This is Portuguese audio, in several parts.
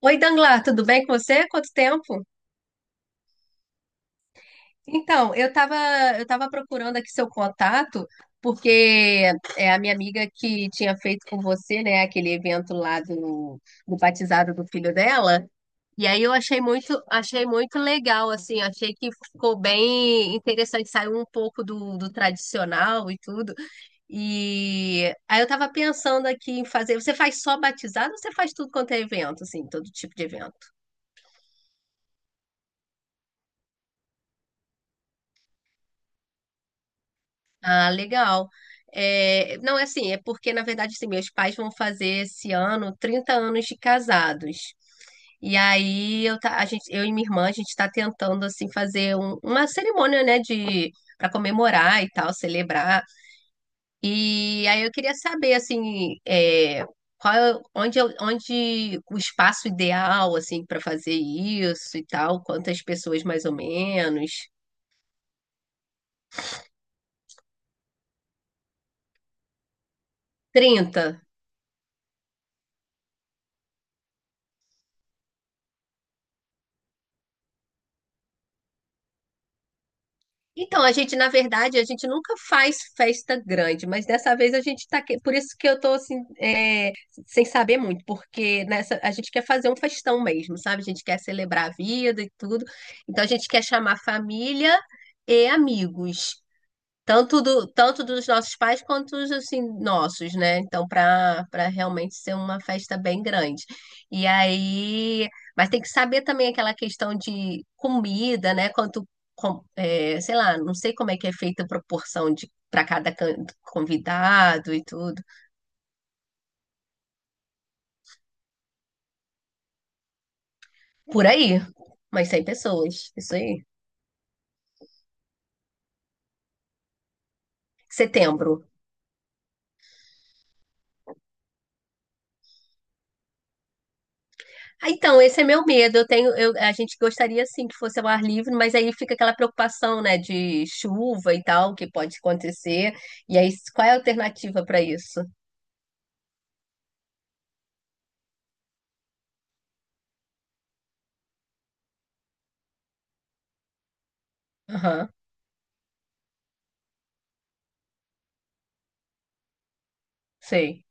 Oi, Danglar, tudo bem com você? Quanto tempo? Então, eu tava procurando aqui seu contato, porque é a minha amiga que tinha feito com você, né, aquele evento lá do, do batizado do filho dela. E aí eu achei muito legal, assim, achei que ficou bem interessante, saiu um pouco do, do tradicional e tudo. E aí eu tava pensando aqui em fazer, você faz só batizado ou você faz tudo quanto é evento, assim, todo tipo de evento? Ah, legal. É, não, é assim, é porque, na verdade, assim, meus pais vão fazer esse ano 30 anos de casados. E aí a gente, eu e minha irmã, a gente está tentando assim fazer uma cerimônia, né, de para comemorar e tal, celebrar. E aí eu queria saber assim, qual, é- onde, eu- onde o espaço ideal assim para fazer isso e tal, quantas pessoas mais ou menos? 30. Então, a gente, na verdade, a gente nunca faz festa grande, mas dessa vez a gente tá. Por isso que eu tô assim, sem saber muito, porque nessa a gente quer fazer um festão mesmo, sabe? A gente quer celebrar a vida e tudo. Então a gente quer chamar família e amigos. Tanto dos nossos pais quanto os assim, nossos, né? Então, para realmente ser uma festa bem grande. E aí, mas tem que saber também aquela questão de comida, né? Quanto, sei lá, não sei como é que é feita a proporção de para cada convidado e tudo. Por aí, umas 100 pessoas, isso aí. Setembro. Ah, então, esse é meu medo. A gente gostaria sim que fosse ao ar livre, mas aí fica aquela preocupação, né, de chuva e tal, que pode acontecer. E aí, qual é a alternativa para isso? Aham, sei.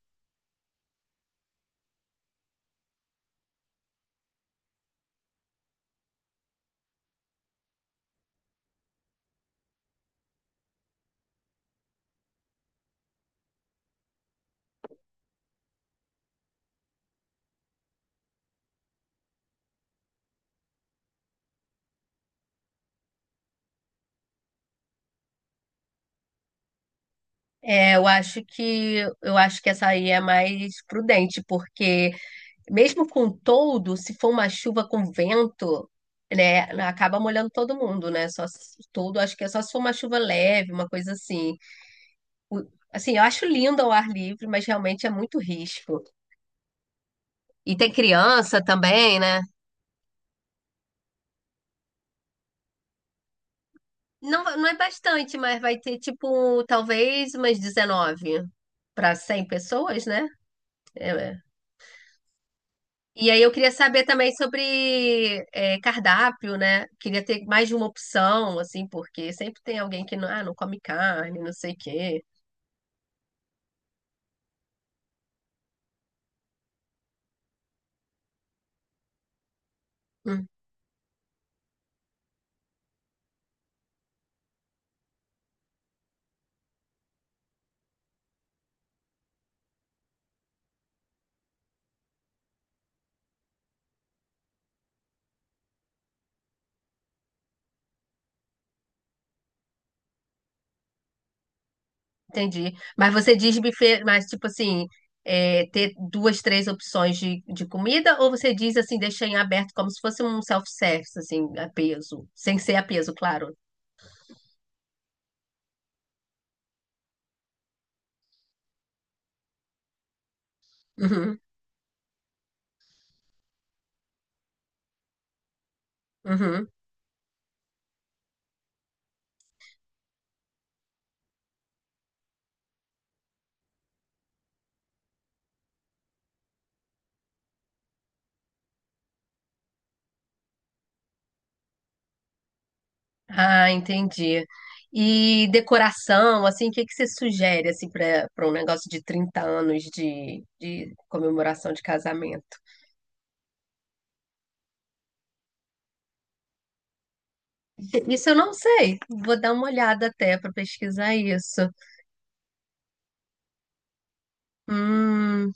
É, eu acho que essa aí é mais prudente, porque mesmo com todo, se for uma chuva com vento, né, acaba molhando todo mundo, né? Só se- todo, Acho que é só se for uma chuva leve, uma coisa assim. O- Assim, eu acho lindo ao ar livre, mas realmente é muito risco. E tem criança também, né? Não, não é bastante, mas vai ter tipo, talvez umas 19 para 100 pessoas, né? É. É. E aí eu queria saber também sobre cardápio, né? Queria ter mais de uma opção, assim, porque sempre tem alguém que não, ah, não come carne, não sei o quê. Hum, entendi. Mas você diz buffet, mas tipo assim, ter duas, três opções de comida, ou você diz assim, deixa em aberto como se fosse um self-service, assim, a peso, sem ser a peso, claro. Uhum, uhum. Ah, entendi. E decoração, assim, o que que você sugere assim para um negócio de 30 anos de comemoração de casamento? Isso eu não sei. Vou dar uma olhada até para pesquisar isso. Hum,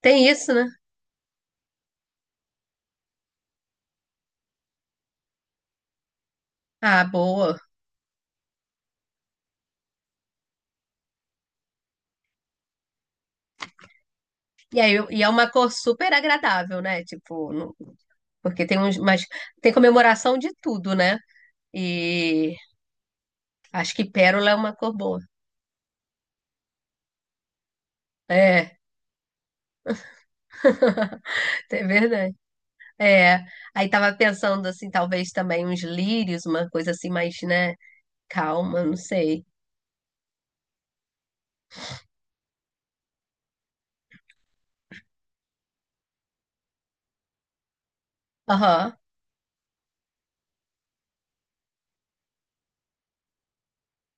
tem isso, né? Ah, boa. E aí, e é uma cor super agradável, né? Tipo, porque tem uns, mas tem comemoração de tudo, né? E acho que pérola é uma cor boa. É, é verdade. É, aí tava pensando assim, talvez também uns lírios, uma coisa assim mais, né, calma, não sei. Aham,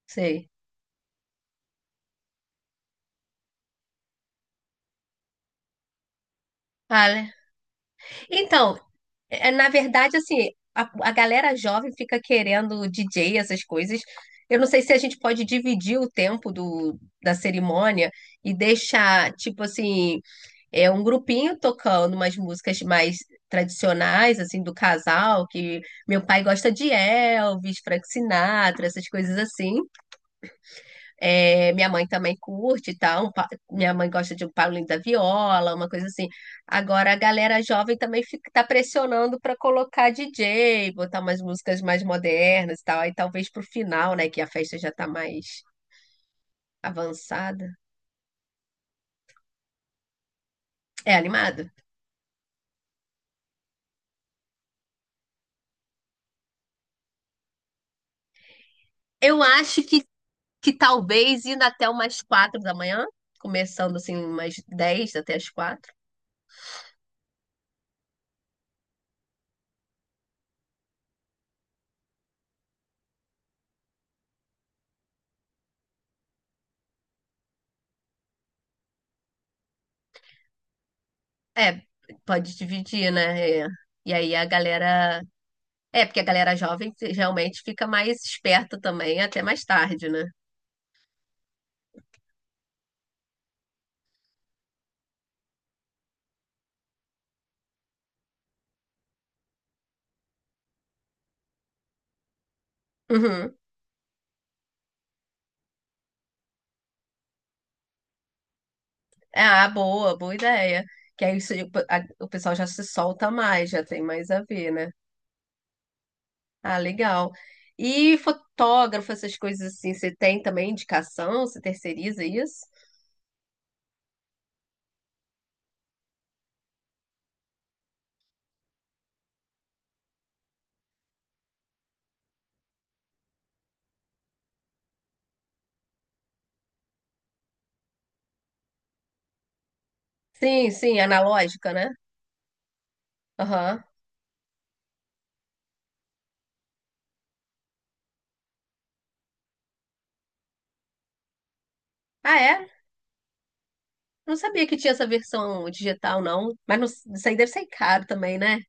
sei. Ah, né? Então, na verdade, assim, a, a galera jovem fica querendo DJ, essas coisas. Eu não sei se a gente pode dividir o tempo da cerimônia e deixar, tipo assim, um grupinho tocando umas músicas mais tradicionais, assim, do casal, que meu pai gosta de Elvis, Frank Sinatra, essas coisas assim. É, minha mãe também curte e tal. Minha mãe gosta de um Paulinho da Viola, uma coisa assim. Agora a galera jovem também fica, tá pressionando para colocar DJ, botar umas músicas mais modernas e tal. Aí talvez pro final, né, que a festa já tá mais avançada. É animado? Eu acho que talvez indo até umas 4 da manhã, começando assim umas 10 até as 4. É, pode dividir, né? É. E aí a galera. É, porque a galera jovem realmente fica mais esperta também até mais tarde, né? Uhum. É, ah, boa, boa ideia. Que aí o pessoal já se solta mais, já tem mais a ver, né? Ah, legal. E fotógrafo, essas coisas assim, você tem também indicação? Você terceiriza isso? Sim, sim, analógica, né? Aham. Ah, é? Não sabia que tinha essa versão digital, não. Mas isso aí deve ser caro também, né?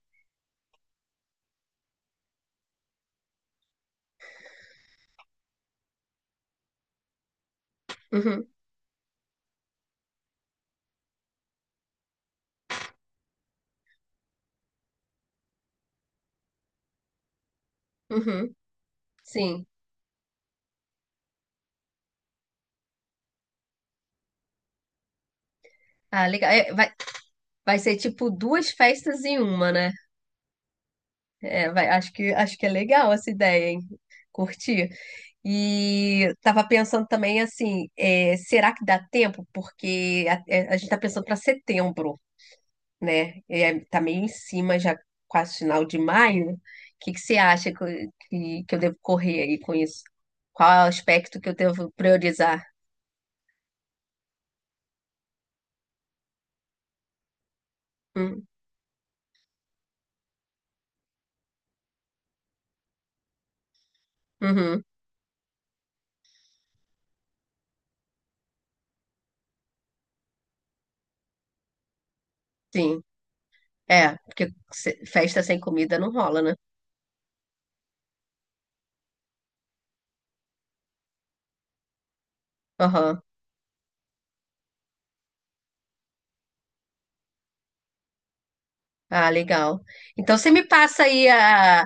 Uhum, uhum, sim. Ah, legal. É, vai ser tipo duas festas em uma, né? É, acho que é legal essa ideia, hein? Curti. E tava pensando também assim, será que dá tempo? Porque a gente tá pensando para setembro, né? É, tá meio em cima, já quase final de maio. O que que você acha que eu devo correr aí com isso? Qual é o aspecto que eu devo priorizar? Hum, uhum, sim. É, porque festa sem comida não rola, né? Aham. Ah, legal. Então você me passa aí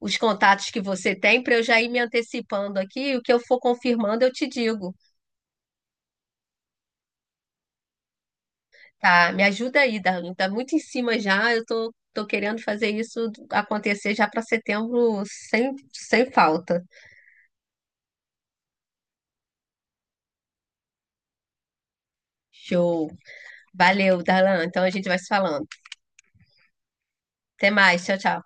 os contatos que você tem para eu já ir me antecipando aqui. O que eu for confirmando, eu te digo. Tá? Me ajuda aí, Darlene. Tá muito em cima já. Eu tô querendo fazer isso acontecer já para setembro sem falta. Show. Valeu, Darlan. Então a gente vai se falando. Até mais. Tchau, tchau.